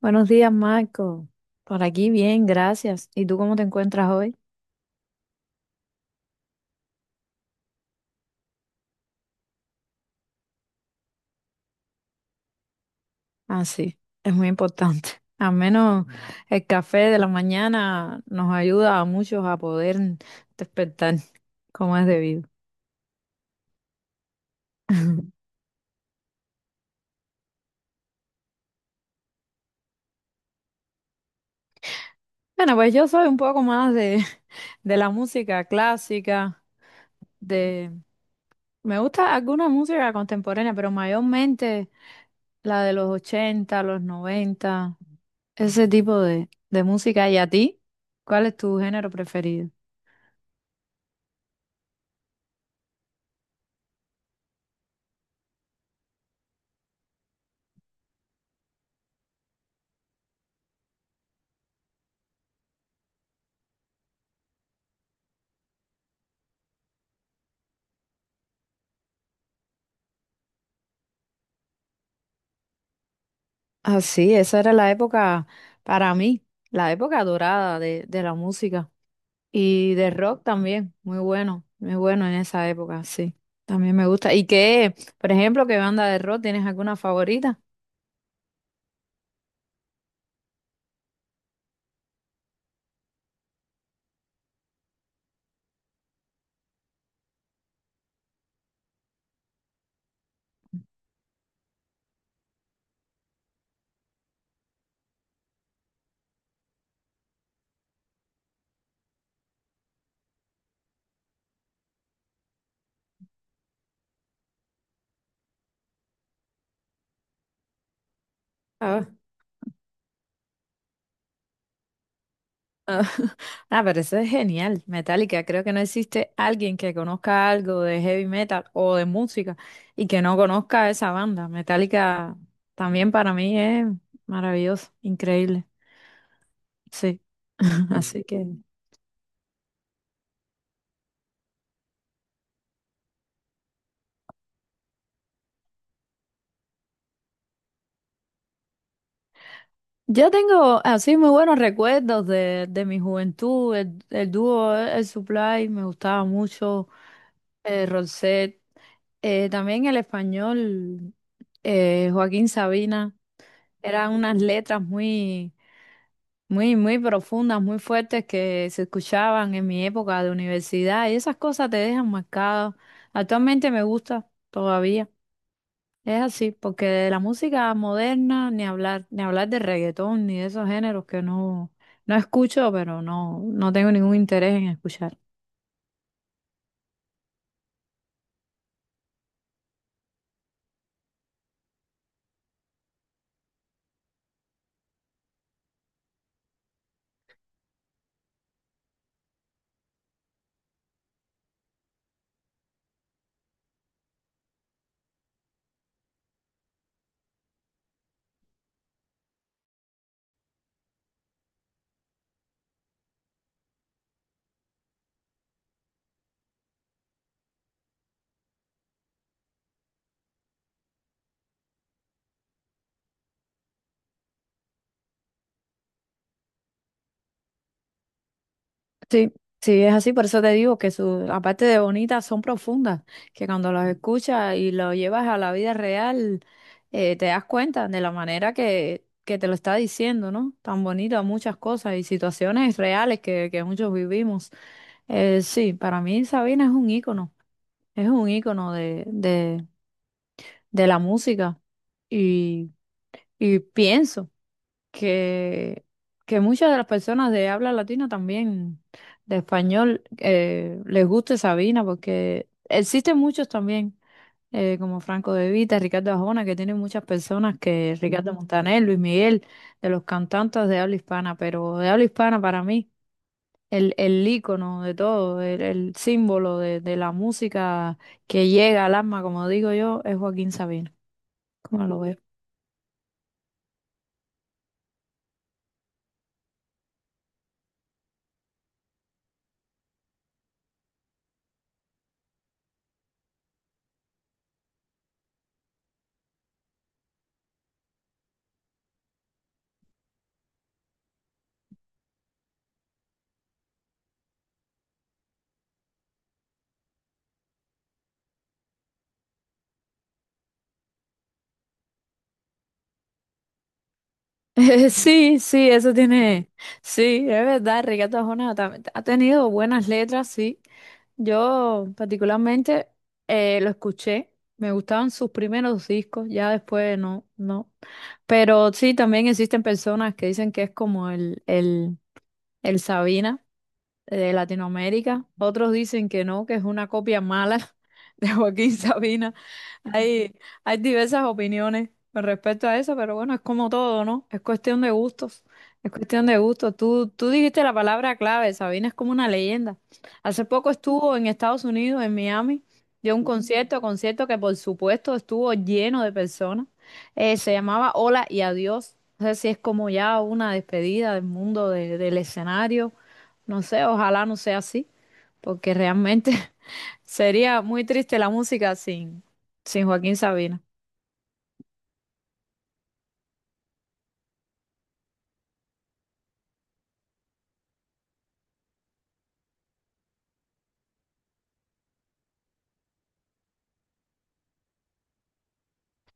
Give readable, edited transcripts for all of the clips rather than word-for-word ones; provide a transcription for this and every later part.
Buenos días, Marco. Por aquí bien, gracias. ¿Y tú cómo te encuentras hoy? Ah, sí, es muy importante. Al menos el café de la mañana nos ayuda a muchos a poder despertar como es debido. Bueno, pues yo soy un poco más de la música clásica, de, Me gusta alguna música contemporánea, pero mayormente la de los 80 los noventa ese tipo de música. ¿Y a ti? ¿Cuál es tu género preferido? Ah, sí, esa era la época para mí, la época dorada de la música y de rock también, muy bueno, muy bueno en esa época, sí, también me gusta. ¿Y qué, por ejemplo, qué banda de rock tienes alguna favorita? Ah, pero eso es genial. Metallica, creo que no existe alguien que conozca algo de heavy metal o de música y que no conozca esa banda. Metallica también para mí es maravilloso, increíble. Sí. Así que yo tengo así muy buenos recuerdos de mi juventud. El dúo, el Supply, me gustaba mucho. Rosette. También el español, Joaquín Sabina. Eran unas letras muy profundas, muy fuertes que se escuchaban en mi época de universidad y esas cosas te dejan marcado. Actualmente me gusta todavía. Es así, porque de la música moderna ni hablar, ni hablar de reggaetón, ni de esos géneros que no, no escucho, pero no, no tengo ningún interés en escuchar. Sí, sí, es así, por eso te digo que su, aparte de bonitas, son profundas, que cuando las escuchas y lo llevas a la vida real, te das cuenta de la manera que te lo está diciendo, ¿no? Tan bonito muchas cosas y situaciones reales que muchos vivimos. Sí, para mí Sabina es un ícono de la música y, y pienso que, que muchas de las personas de habla latina también, de español, les guste Sabina, porque existen muchos también, como Franco De Vita, Ricardo Arjona, que tienen muchas personas que Ricardo Ujú. Montaner, Luis Miguel, de los cantantes de habla hispana, pero de habla hispana para mí. El ícono de todo, el símbolo de la música que llega al alma, como digo yo, es Joaquín Sabina. Como lo veo? Sí, sí, eso tiene. Sí, es verdad, Ricardo Arjona tam- ha tenido buenas letras, sí. Yo particularmente lo escuché, me gustaban sus primeros discos, ya después no, no. Pero sí, también existen personas que dicen que es como el Sabina de Latinoamérica. Otros dicen que no, que es una copia mala de Joaquín Sabina. Hay, hay diversas opiniones con respecto a eso, pero bueno, es como todo, ¿no? Es cuestión de gustos. Es cuestión de gustos. Tú dijiste la palabra clave, Sabina es como una leyenda. Hace poco estuvo en Estados Unidos, en Miami, dio un concierto, concierto que por supuesto estuvo lleno de personas. Se llamaba Hola y Adiós. No sé si es como ya una despedida del mundo de- del escenario, no sé, ojalá no sea así, porque realmente sería muy triste la música sin, sin Joaquín Sabina.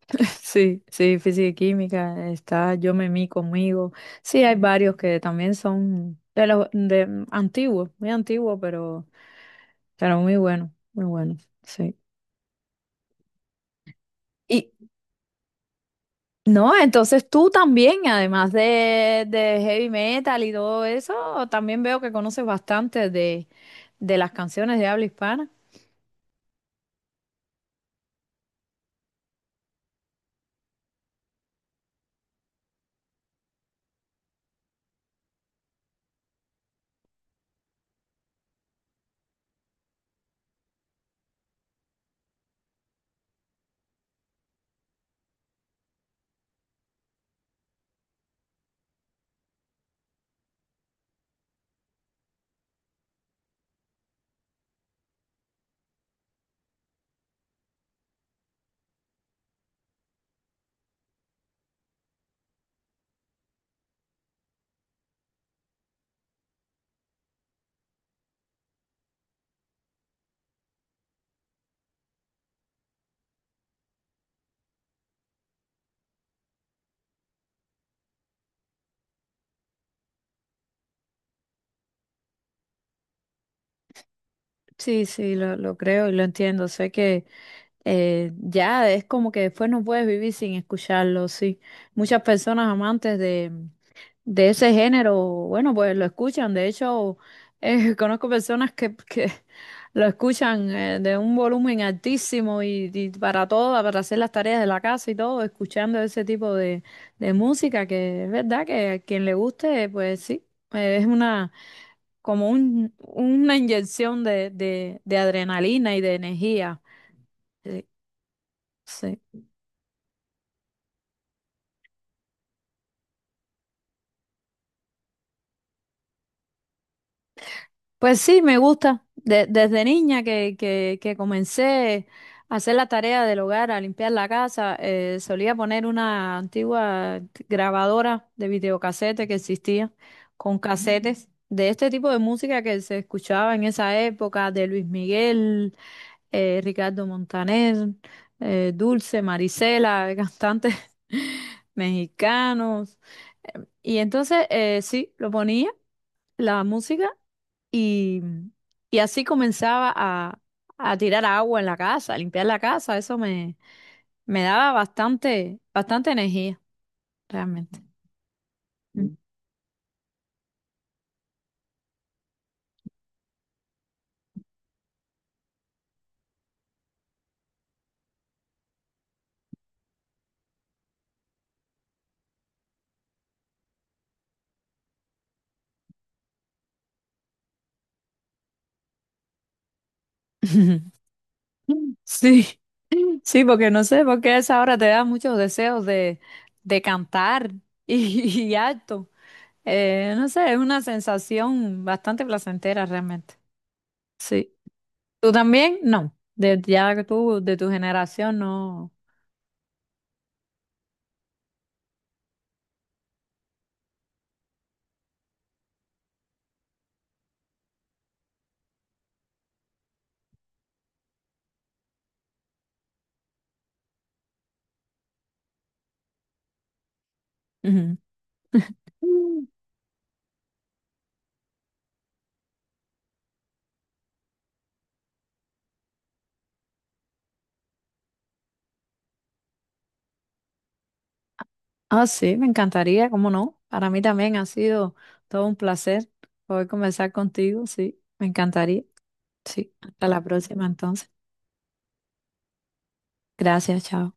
Sí, sí, física y química, está Yo me mí conmigo. Sí, hay varios que también son de los de antiguos, muy antiguos, pero muy buenos, sí. Y no, entonces tú también, además de heavy metal y todo eso, también veo que conoces bastante de las canciones de habla hispana. Sí, sí, lo creo y lo entiendo. Sé que ya es como que después no puedes vivir sin escucharlo, sí. Muchas personas amantes de ese género, bueno, pues lo escuchan. De hecho, conozco personas que lo escuchan de un volumen altísimo y para todo, para hacer las tareas de la casa y todo, escuchando ese tipo de música, que es verdad que a quien le guste, pues sí, es una como una inyección de adrenalina y de energía. Sí, sí. Pues sí, me gusta. De- desde niña que comencé a hacer la tarea del hogar, a limpiar la casa, solía poner una antigua grabadora de videocasete que existía con casetes de este tipo de música que se escuchaba en esa época, de Luis Miguel, Ricardo Montaner, Dulce, Marisela, cantantes mexicanos. Y entonces, sí, lo ponía, la música, y, y así comenzaba a tirar agua en la casa, a limpiar la casa. Eso me, me daba bastante, bastante energía, realmente. Mm. Sí, sí, porque no sé, porque a esa hora te da muchos deseos de cantar y, y alto. No sé, es una sensación bastante placentera realmente. Sí. ¿Tú también? No. De, ya que tú, de tu generación, no. Ujú. Mm. Ah, sí, me encantaría, ¿cómo no? Para mí también ha sido todo un placer poder conversar contigo, sí, me encantaría. Sí, hasta la próxima entonces. Gracias, chao.